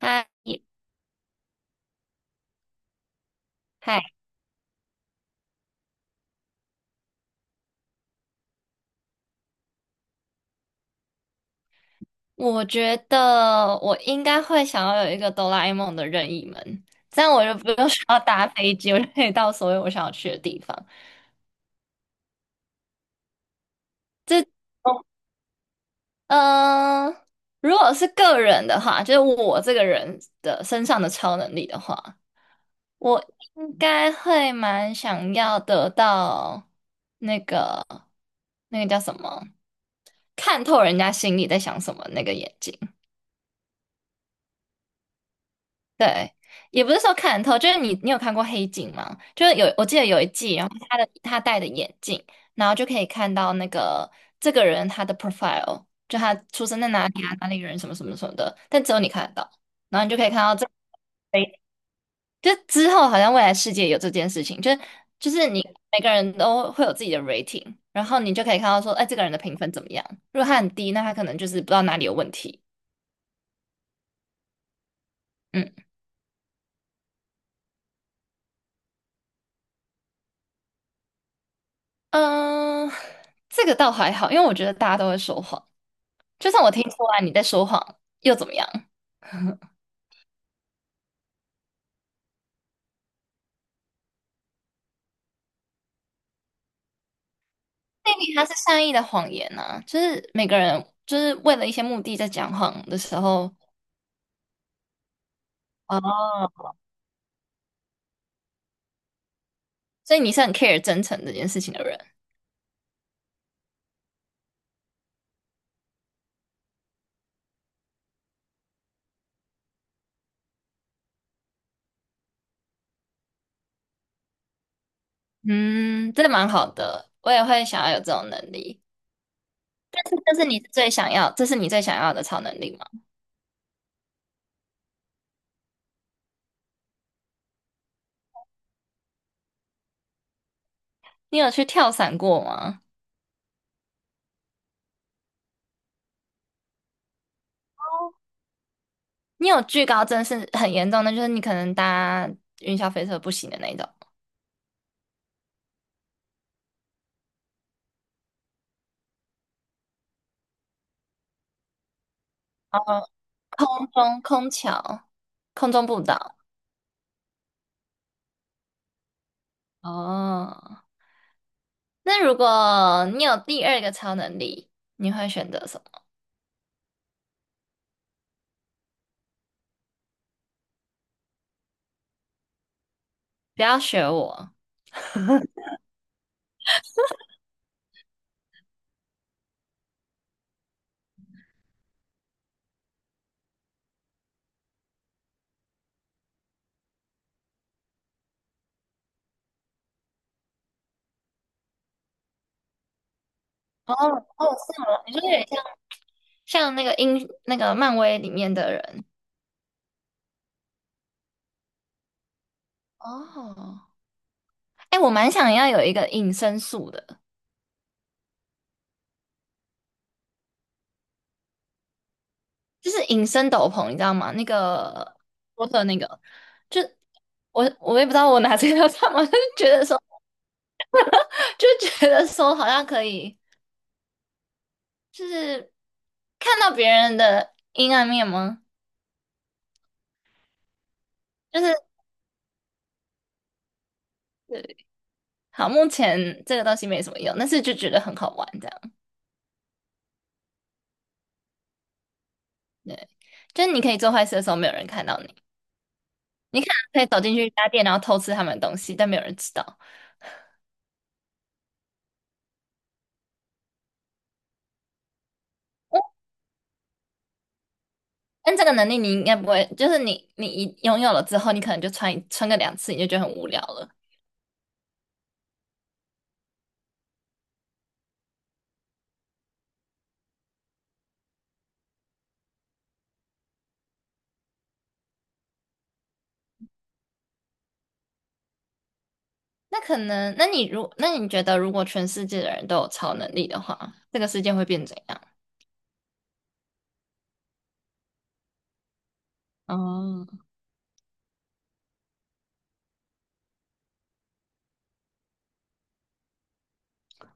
嗨嗨，我觉得我应该会想要有一个哆啦 A 梦的任意门，这样我就不用 需要搭飞机，我就可以到所有我想要去的地方。这，嗯、呃如果是个人的话，就是我这个人的身上的超能力的话，我应该会蛮想要得到那个那个叫什么，看透人家心里在想什么那个眼睛。对，也不是说看透，就是你有看过《黑镜》吗？就是有，我记得有一季，然后他戴的眼镜，然后就可以看到那个这个人他的 profile，就他出生在哪里啊，哪里人什么什么什么的，但只有你看得到，然后你就可以看到这，诶就之后好像未来世界有这件事情，就是你每个人都会有自己的 rating，然后你就可以看到说，哎，这个人的评分怎么样？如果他很低，那他可能就是不知道哪里有问题。嗯嗯，这个倒还好，因为我觉得大家都会说谎。就算我听出来你在说谎，又怎么样？那里它是善意的谎言啊。就是每个人就是为了一些目的在讲谎的时候，哦，所以你是很 care 真诚这件事情的人，嗯，真的蛮好的，我也会想要有这种能力。但是，但是你最想要，这是你最想要的超能力吗？你有去跳伞过吗？你有惧高症是很严重的，就是你可能搭云霄飞车不行的那一种，哦，空中空桥、空中步道，哦。那如果你有第二个超能力，你会选择什么？不要学我。哦哦，是吗？你说有点像像那个英那个漫威里面的人哦。哎，我蛮想要有一个隐身术的，就是隐身斗篷，你知道吗？那个波特那个，就我也不知道我拿这个要干嘛，就是觉得说就觉得说好像可以，就是看到别人的阴暗面吗？就是。好，目前这个东西没什么用，但是就觉得很好玩，这样。对，就是你可以做坏事的时候，没有人看到你。你可能可以走进去一家店，然后偷吃他们的东西，但没有人知道。但这个能力你应该不会，就是你一拥有了之后，你可能就穿一穿个两次，你就觉得很无聊了。那可能，那你觉得，如果全世界的人都有超能力的话，这个世界会变怎样？哦，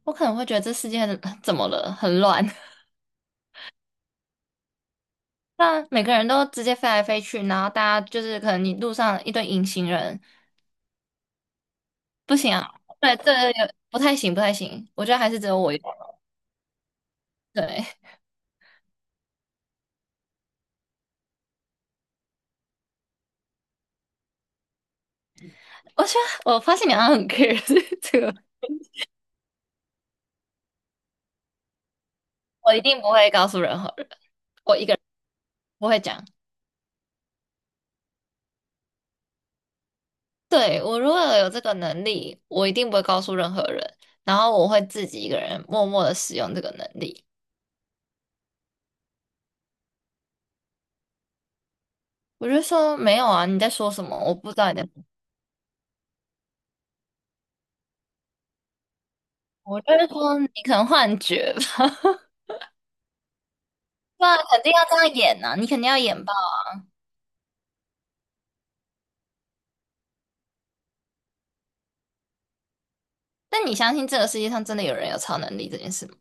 我可能会觉得这世界很 怎么了，很乱。那每个人都直接飞来飞去，然后大家就是可能你路上一堆隐形人，不行啊，对对对有不太行，不太行。我觉得还是只有我有对，我觉得我发现你好像很 care 这个，我一定不会告诉任何人，不会讲。对，我如果有这个能力，我一定不会告诉任何人，然后我会自己一个人默默的使用这个能力。我就说没有啊，你在说什么？我不知道你在说什么我就是说你可能幻觉吧，对啊，肯定要这样演呐、啊，你肯定要演爆。但你相信这个世界上真的有人有超能力这件事吗？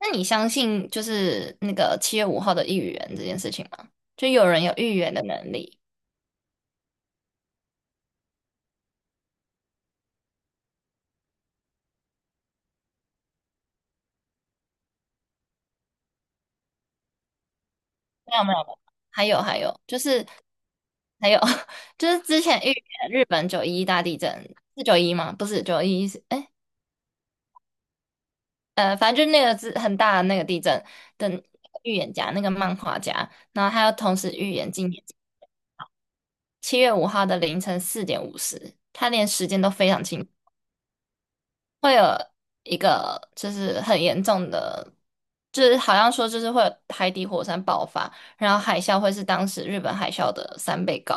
那你相信就是那个七月五号的预言这件事情吗？就有人有预言的能力？没有没有，没有还有还有就是还有 就是之前预言日本911大地震是九一吗？不是九一是哎呃，反正就那个是很大的那个地震的预言家，那个漫画家，然后他又同时预言今年七月五号的凌晨4:50，他连时间都非常清。会有一个就是很严重的，就是好像说就是会有海底火山爆发，然后海啸会是当时日本海啸的3倍高。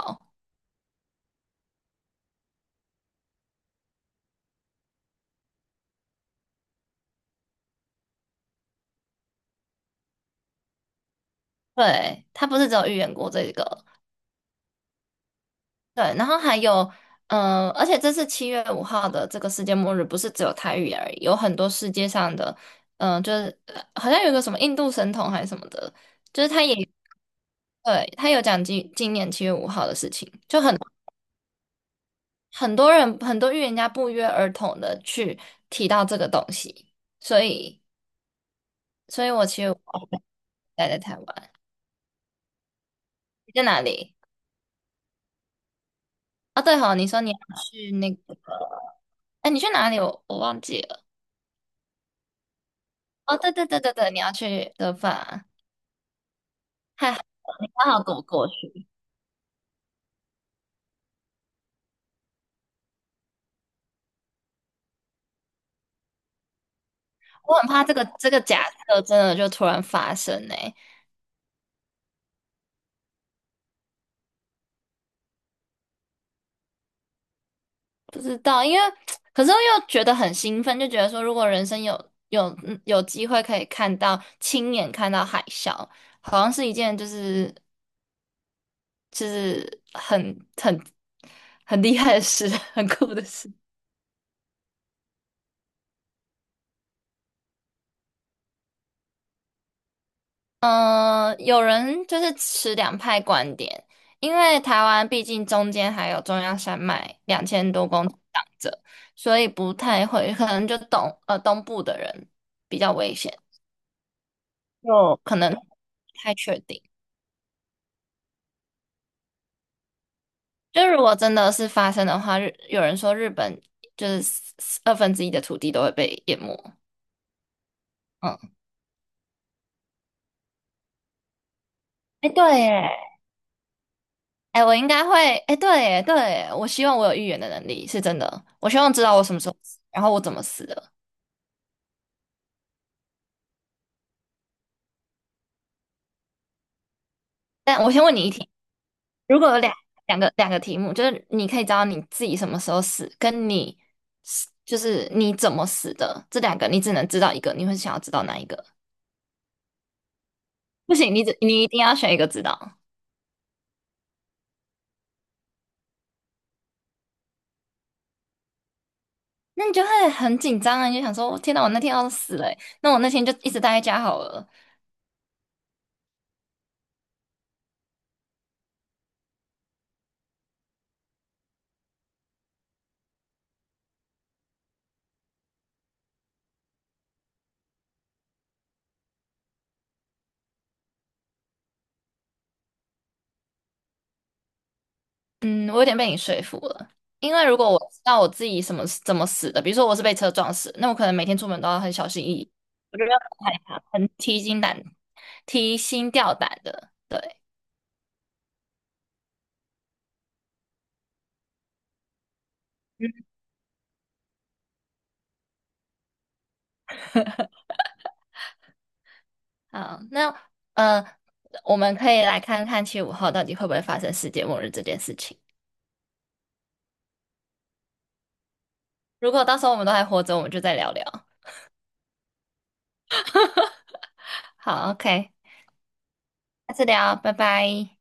对，他不是只有预言过这个，对，然后还有，而且这次七月五号的这个世界末日，不是只有它预言而已，有很多世界上的，好像有一个什么印度神童还是什么的，就是他也对他有讲今年七月五号的事情，就很。很多人很多预言家不约而同的去提到这个东西，所以，所以我其实待在台湾，你在哪里？哦，对吼，你说你要去那个，哎，你去哪里？我忘记了。哦，对对对对对，你要去德法，还刚好跟我过去。我很怕这个假设真的就突然发生呢、不知道，因为 可是又觉得很兴奋，就觉得说如果人生有机会可以看到亲眼看到海啸，好像是一件就是就是很厉害的事，很酷的事。有人就是持两派观点，因为台湾毕竟中间还有中央山脉2000多公里挡着，所以不太会，可能就东部的人比较危险，就可能不太确定。就如果真的是发生的话，有人说日本就是1/42的土地都会被淹没。嗯，哎，对耶，哎，我应该会，哎，对耶，对耶，我希望我有预言的能力，是真的。我希望知道我什么时候死，然后我怎么死的。但我先问你一题，如果有两个题目，就是你可以知道你自己什么时候死，跟你就是你怎么死的，这两个你只能知道一个，你会想要知道哪一个？不行，你一定要选一个知道，那你就会很紧张啊，你就想说，天哪，我那天要是死了耶那我那天就一直待在家好了。嗯，我有点被你说服了，因为如果我知道我自己怎么死的，比如说我是被车撞死，那我可能每天出门都要很小心翼翼，我觉得很害怕，很提心胆、提心吊胆的。对，好，那呃，我们可以来看看7/5号到底会不会发生世界末日这件事情。如果到时候我们都还活着，我们就再聊聊。好，OK，下次聊，拜拜。